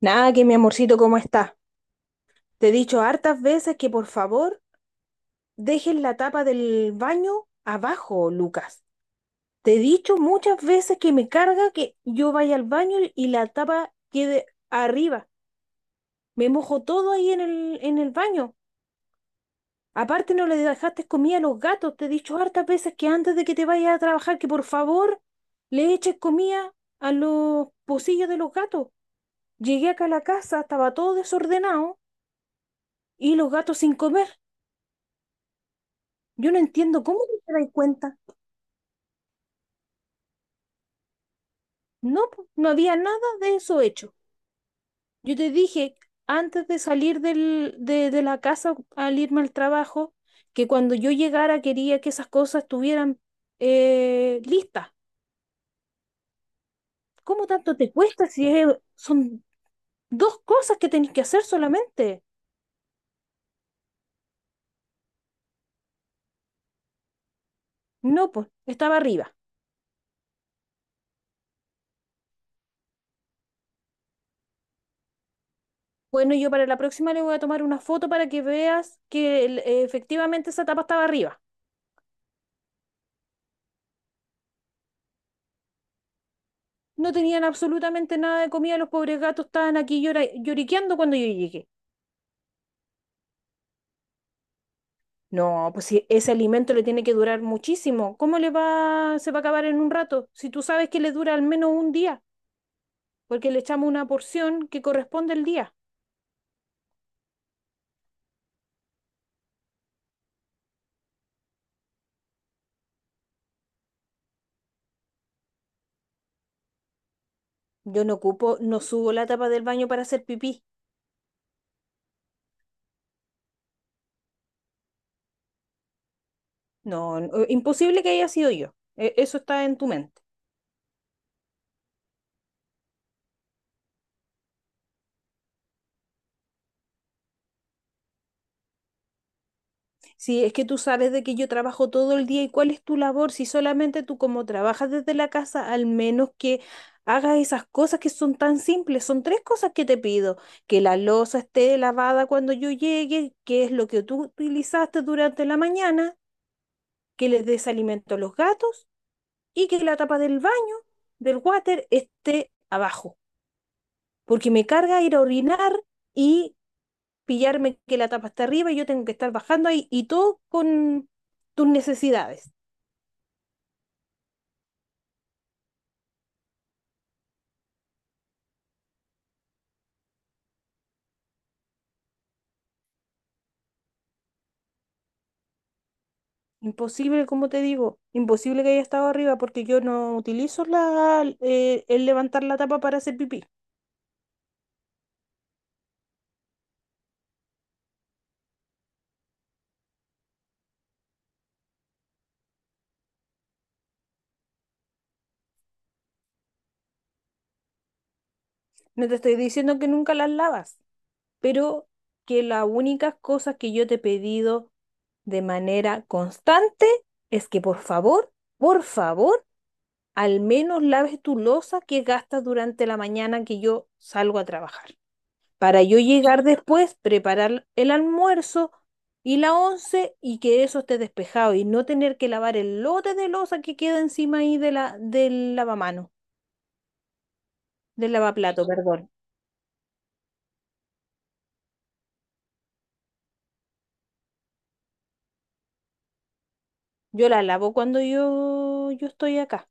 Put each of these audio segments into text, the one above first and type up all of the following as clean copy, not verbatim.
Nada, que mi amorcito, ¿cómo está? Te he dicho hartas veces que por favor dejes la tapa del baño abajo, Lucas. Te he dicho muchas veces que me carga que yo vaya al baño y la tapa quede arriba. Me mojo todo ahí en el baño. Aparte no le dejaste comida a los gatos. Te he dicho hartas veces que antes de que te vayas a trabajar, que por favor le eches comida a los pocillos de los gatos. Llegué acá a la casa, estaba todo desordenado y los gatos sin comer. Yo no entiendo cómo no te das cuenta. No, po, no había nada de eso hecho. Yo te dije antes de salir de la casa al irme al trabajo que cuando yo llegara quería que esas cosas estuvieran listas. ¿Cómo tanto te cuesta si son dos cosas que tenés que hacer solamente? No, pues estaba arriba. Bueno, yo para la próxima le voy a tomar una foto para que veas que efectivamente esa tapa estaba arriba. No tenían absolutamente nada de comida, los pobres gatos estaban aquí lloriqueando cuando yo llegué. No, pues si ese alimento le tiene que durar muchísimo, ¿cómo se va a acabar en un rato? Si tú sabes que le dura al menos un día, porque le echamos una porción que corresponde al día. Yo no ocupo, no subo la tapa del baño para hacer pipí. No, no, imposible que haya sido yo. Eso está en tu mente. Si es que tú sabes de que yo trabajo todo el día y cuál es tu labor. Si solamente tú como trabajas desde la casa, al menos que hagas esas cosas que son tan simples. Son tres cosas que te pido. Que la loza esté lavada cuando yo llegue, que es lo que tú utilizaste durante la mañana, que les des alimento a los gatos y que la tapa del baño, del water, esté abajo. Porque me carga ir a orinar y pillarme que la tapa está arriba y yo tengo que estar bajando ahí y todo con tus necesidades. Imposible, como te digo, imposible que haya estado arriba porque yo no utilizo el levantar la tapa para hacer pipí. No te estoy diciendo que nunca las lavas, pero que las únicas cosas que yo te he pedido de manera constante es que por favor, al menos laves tu loza que gastas durante la mañana que yo salgo a trabajar, para yo llegar después, preparar el almuerzo y la once y que eso esté despejado y no tener que lavar el lote de losa que queda encima ahí del lavamano, del lavaplato, perdón. Yo la lavo cuando yo estoy acá.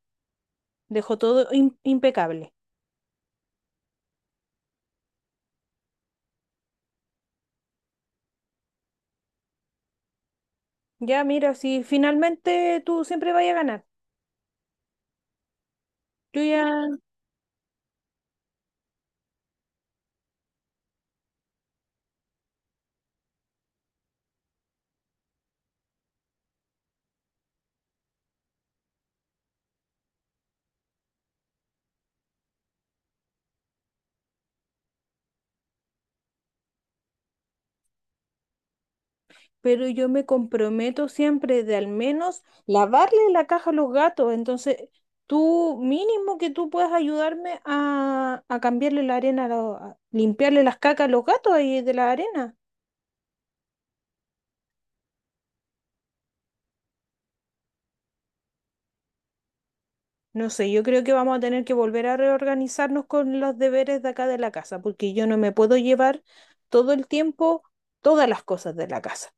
Dejo todo impecable. Ya, mira, si finalmente tú siempre vayas a ganar. Yo ya, pero yo me comprometo siempre de al menos lavarle la caja a los gatos. Entonces, tú mínimo que tú puedas ayudarme a cambiarle la arena, a limpiarle las cacas a los gatos ahí de la arena. No sé, yo creo que vamos a tener que volver a reorganizarnos con los deberes de acá de la casa, porque yo no me puedo llevar todo el tiempo todas las cosas de la casa.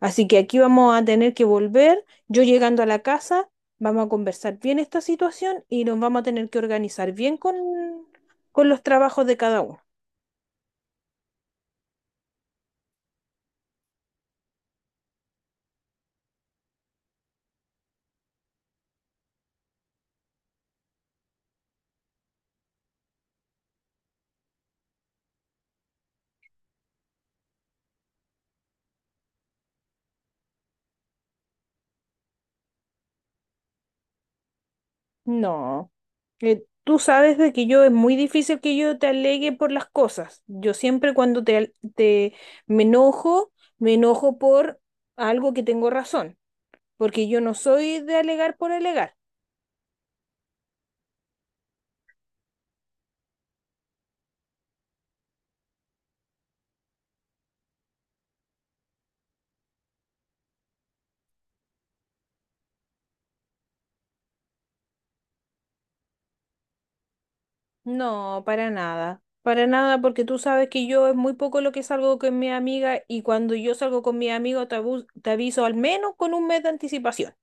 Así que aquí vamos a tener que volver. Yo llegando a la casa, vamos a conversar bien esta situación y nos vamos a tener que organizar bien con los trabajos de cada uno. No, tú sabes de que yo es muy difícil que yo te alegue por las cosas. Yo siempre cuando te, al- te me enojo, me enojo por algo que tengo razón, porque yo no soy de alegar por alegar. No, para nada. Para nada, porque tú sabes que yo es muy poco lo que salgo con mi amiga y cuando yo salgo con mi amigo te aviso al menos con un mes de anticipación.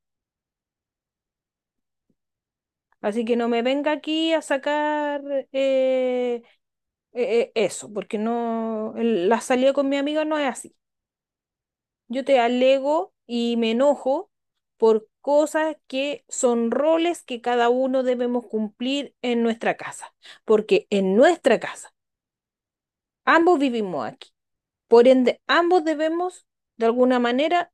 Así que no me venga aquí a sacar eh, eh, eso, porque no, la salida con mi amiga no es así. Yo te alego y me enojo por cosas que son roles que cada uno debemos cumplir en nuestra casa, porque en nuestra casa ambos vivimos aquí. Por ende, ambos debemos, de alguna manera,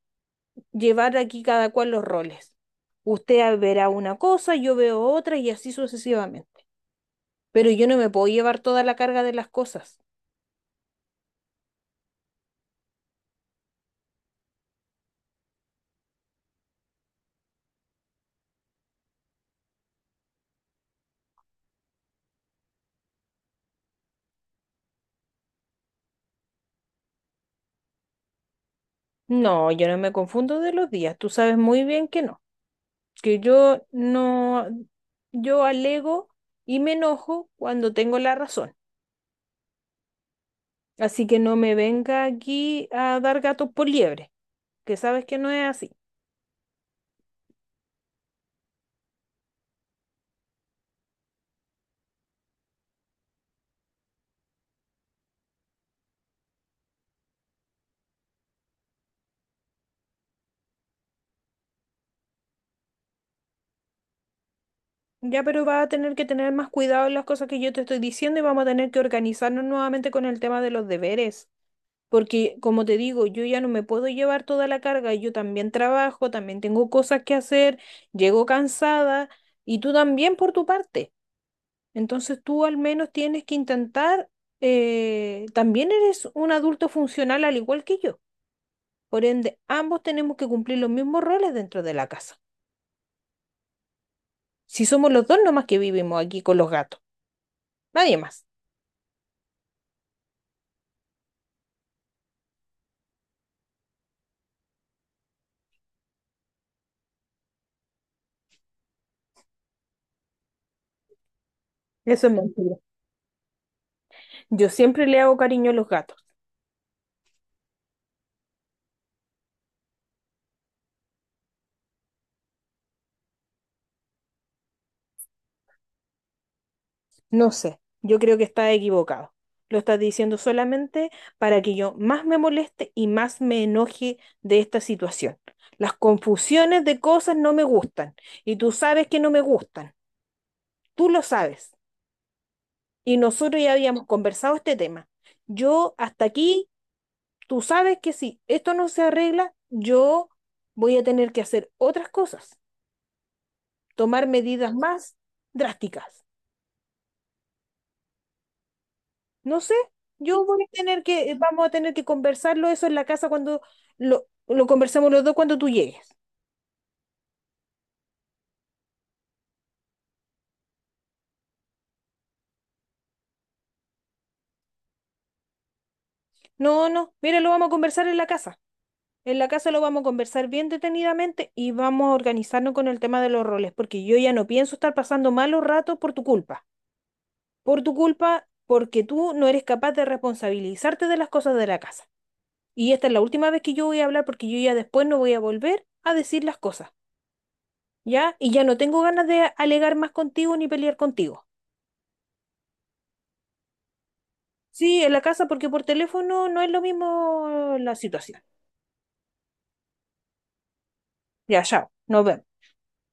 llevar aquí cada cual los roles. Usted verá una cosa, yo veo otra y así sucesivamente. Pero yo no me puedo llevar toda la carga de las cosas. No, yo no me confundo de los días. Tú sabes muy bien que no. Que yo no, yo alego y me enojo cuando tengo la razón. Así que no me venga aquí a dar gatos por liebre, que sabes que no es así. Ya, pero va a tener que tener más cuidado en las cosas que yo te estoy diciendo y vamos a tener que organizarnos nuevamente con el tema de los deberes. Porque, como te digo, yo ya no me puedo llevar toda la carga. Yo también trabajo, también tengo cosas que hacer, llego cansada y tú también por tu parte. Entonces tú al menos tienes que intentar, también eres un adulto funcional al igual que yo. Por ende, ambos tenemos que cumplir los mismos roles dentro de la casa. Si somos los dos nomás que vivimos aquí con los gatos, nadie más. Eso es mentira. Yo siempre le hago cariño a los gatos. No sé, yo creo que está equivocado. Lo estás diciendo solamente para que yo más me moleste y más me enoje de esta situación. Las confusiones de cosas no me gustan y tú sabes que no me gustan. Tú lo sabes. Y nosotros ya habíamos conversado este tema. Yo hasta aquí, tú sabes que si esto no se arregla, yo voy a tener que hacer otras cosas, tomar medidas más drásticas. No sé, yo voy a tener que, vamos a tener que conversarlo eso en la casa cuando lo conversemos los dos cuando tú llegues. No, no, mira, lo vamos a conversar en la casa. En la casa lo vamos a conversar bien detenidamente y vamos a organizarnos con el tema de los roles, porque yo ya no pienso estar pasando malos ratos por tu culpa. Por tu culpa, porque tú no eres capaz de responsabilizarte de las cosas de la casa. Y esta es la última vez que yo voy a hablar porque yo ya después no voy a volver a decir las cosas, ¿ya? Y ya no tengo ganas de alegar más contigo ni pelear contigo. Sí, en la casa porque por teléfono no es lo mismo la situación. Ya, chao, nos vemos.